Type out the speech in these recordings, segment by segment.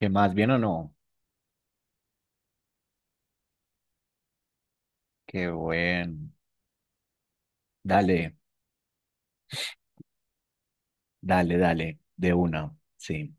¿Qué más? ¿Bien o no? Qué bueno. Dale, dale, dale, de una. Sí.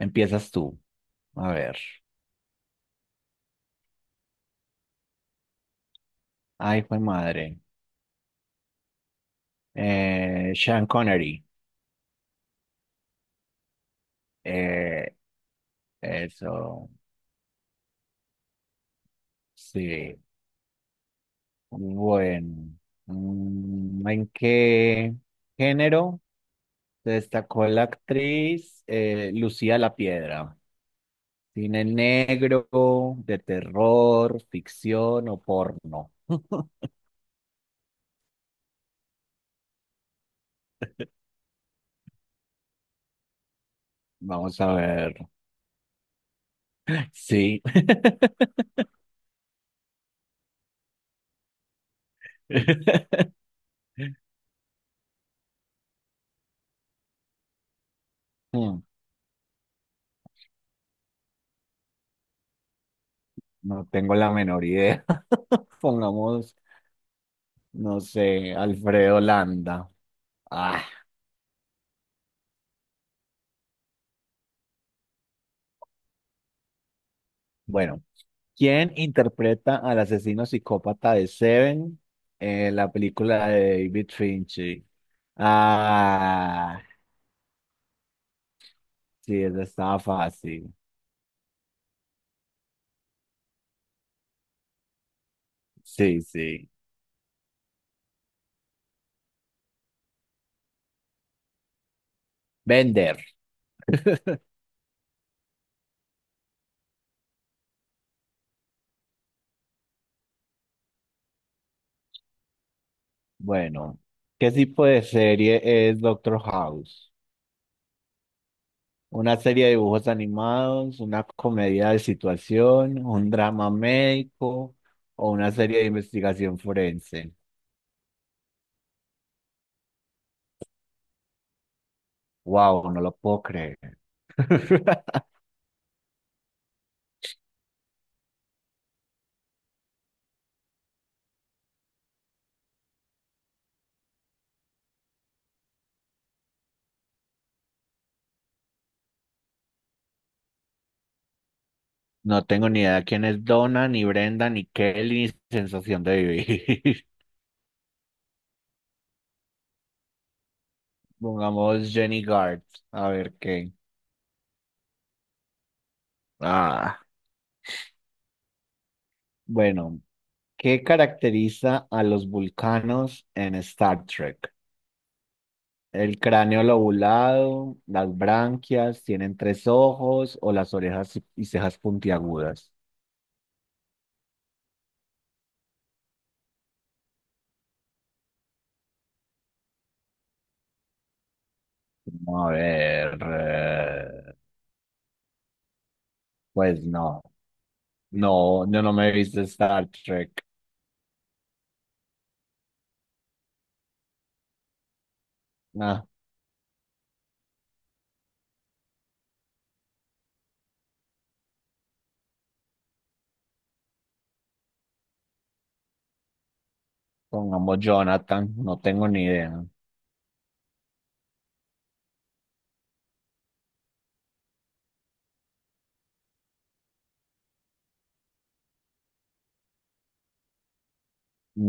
Empiezas tú. A ver. Ay, fue madre. Sean Connery. Eh, Eso. Sí. Bueno. ¿En qué género se destacó la actriz Lucía La Piedra? ¿Cine negro, de terror, ficción o porno? Vamos a ver. Sí. Mm, No tengo la menor idea. Pongamos, no sé, Alfredo Landa. Ah, bueno. ¿Quién interpreta al asesino psicópata de Seven en la película de David Fincher? Ah, sí, eso estaba fácil. Sí, sí. Bender. Bueno, ¿qué tipo de serie es Doctor House? Una serie de dibujos animados, una comedia de situación, un drama médico o una serie de investigación forense. Wow, no lo puedo creer. No tengo ni idea quién es Donna, ni Brenda, ni Kelly, ni Sensación de Vivir. Pongamos Jenny Gard, a ver qué. Ah, bueno, ¿qué caracteriza a los vulcanos en Star Trek? El cráneo lobulado, las branquias, tienen tres ojos o las orejas y cejas puntiagudas. No, a ver, pues no, no, yo no me he visto Star Trek. Nah, pongamos Jonathan, no tengo ni idea.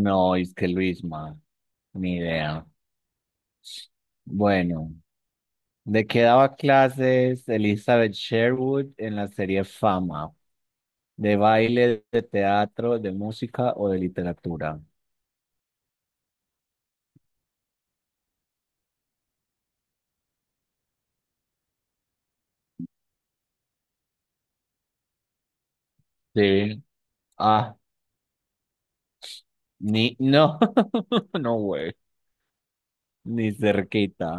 No, es que Luisma, ni idea. Bueno, ¿de qué daba clases Elizabeth Sherwood en la serie Fama? ¿De baile, de teatro, de música o de literatura? Sí. Ah, Ni, no, no, güey, ni cerquita.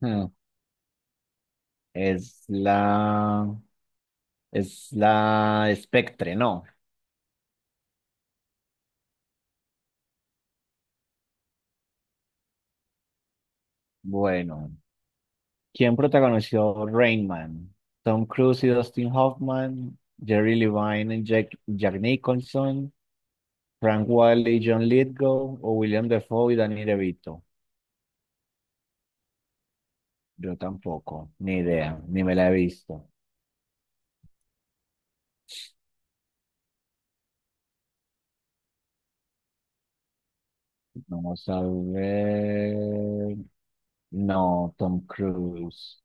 Hmm, Es la, es la Spectre, ¿no? Bueno, ¿quién protagonizó Rain Man? Tom Cruise y Dustin Hoffman, Jerry Levine y Jack Nicholson, Frank Wilder y John Lithgow, o William Dafoe y Danny DeVito. Yo tampoco, ni idea, ni me la he visto. Vamos a ver. No, Tom Cruise.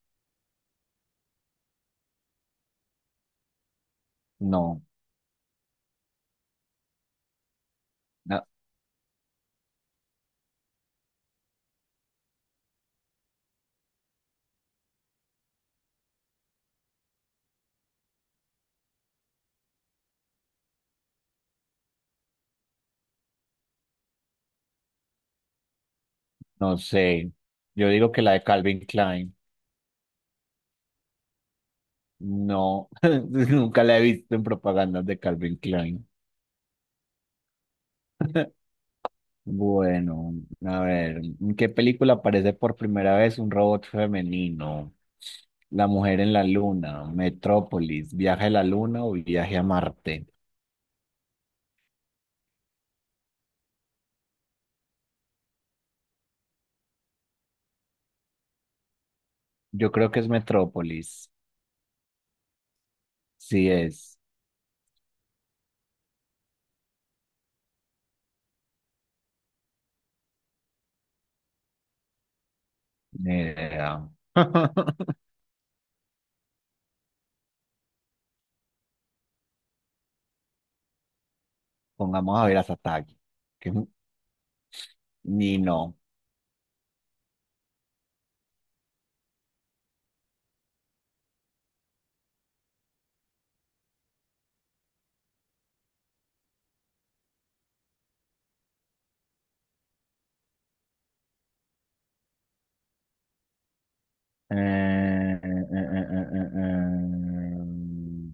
No. No sé, yo digo que la de Calvin Klein. No, nunca la he visto en propagandas de Calvin Klein. Bueno, a ver, ¿en qué película aparece por primera vez un robot femenino? La mujer en la luna, Metrópolis, viaje a la luna o viaje a Marte. Yo creo que es Metrópolis. Sí es. Ni idea. Pongamos a ver a Satagi. Que ni no. Eh, eh, eh, eh, eh, eh. eh, eh, eh, eh,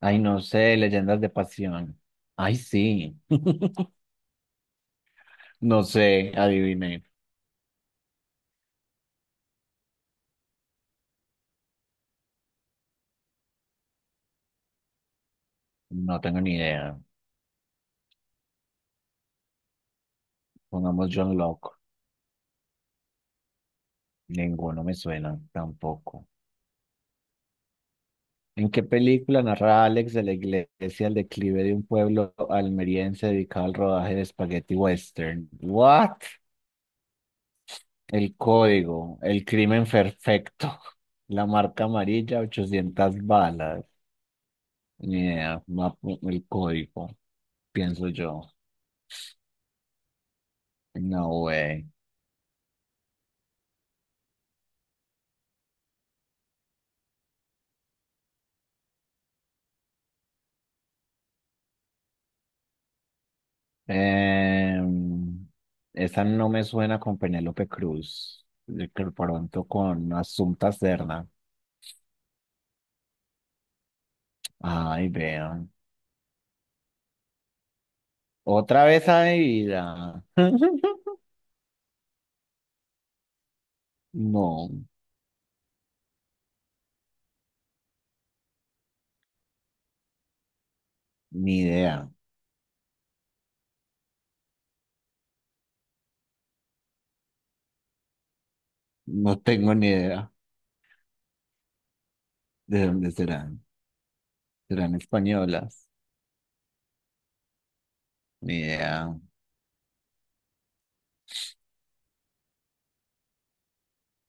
Ay, no sé, leyendas de pasión. Ay, sí. No sé, adivine. No tengo ni idea. Pongamos John Locke. Ninguno me suena tampoco. ¿En qué película narra Alex de la iglesia el declive de un pueblo almeriense dedicado al rodaje de spaghetti western? What? El código, el crimen perfecto, la marca amarilla, 800 balas. Ni idea, el código, pienso yo. No way. Em, Esa no me suena con Penélope Cruz. De que pronto con Asunta Serna. Ay, vean. Otra vez a mi vida. No, ni idea. No tengo ni idea de dónde serán. ¿Serán españolas? Ni idea.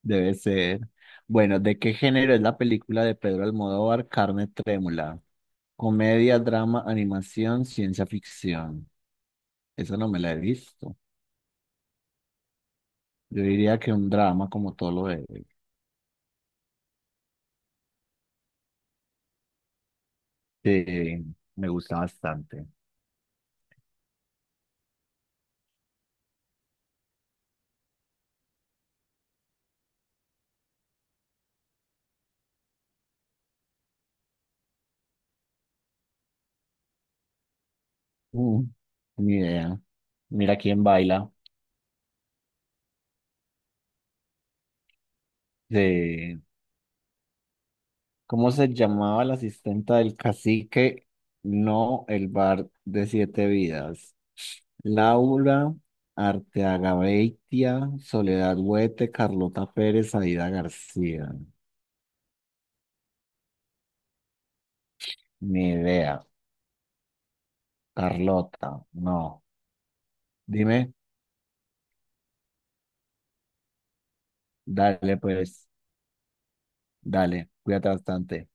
Debe ser. Bueno, ¿de qué género es la película de Pedro Almodóvar, Carne Trémula? Comedia, drama, animación, ciencia ficción. Esa no me la he visto. Yo diría que un drama, como todo lo de. Me gusta bastante. Mm, Ni idea. Mira quién baila. De, ¿Cómo se llamaba la asistenta del cacique? No, el bar de siete vidas. Laura, Arteaga Beitia, Soledad Huete, Carlota Pérez, Aida García. Ni idea. Carlota, no. Dime. Dale, pues, dale, cuídate bastante.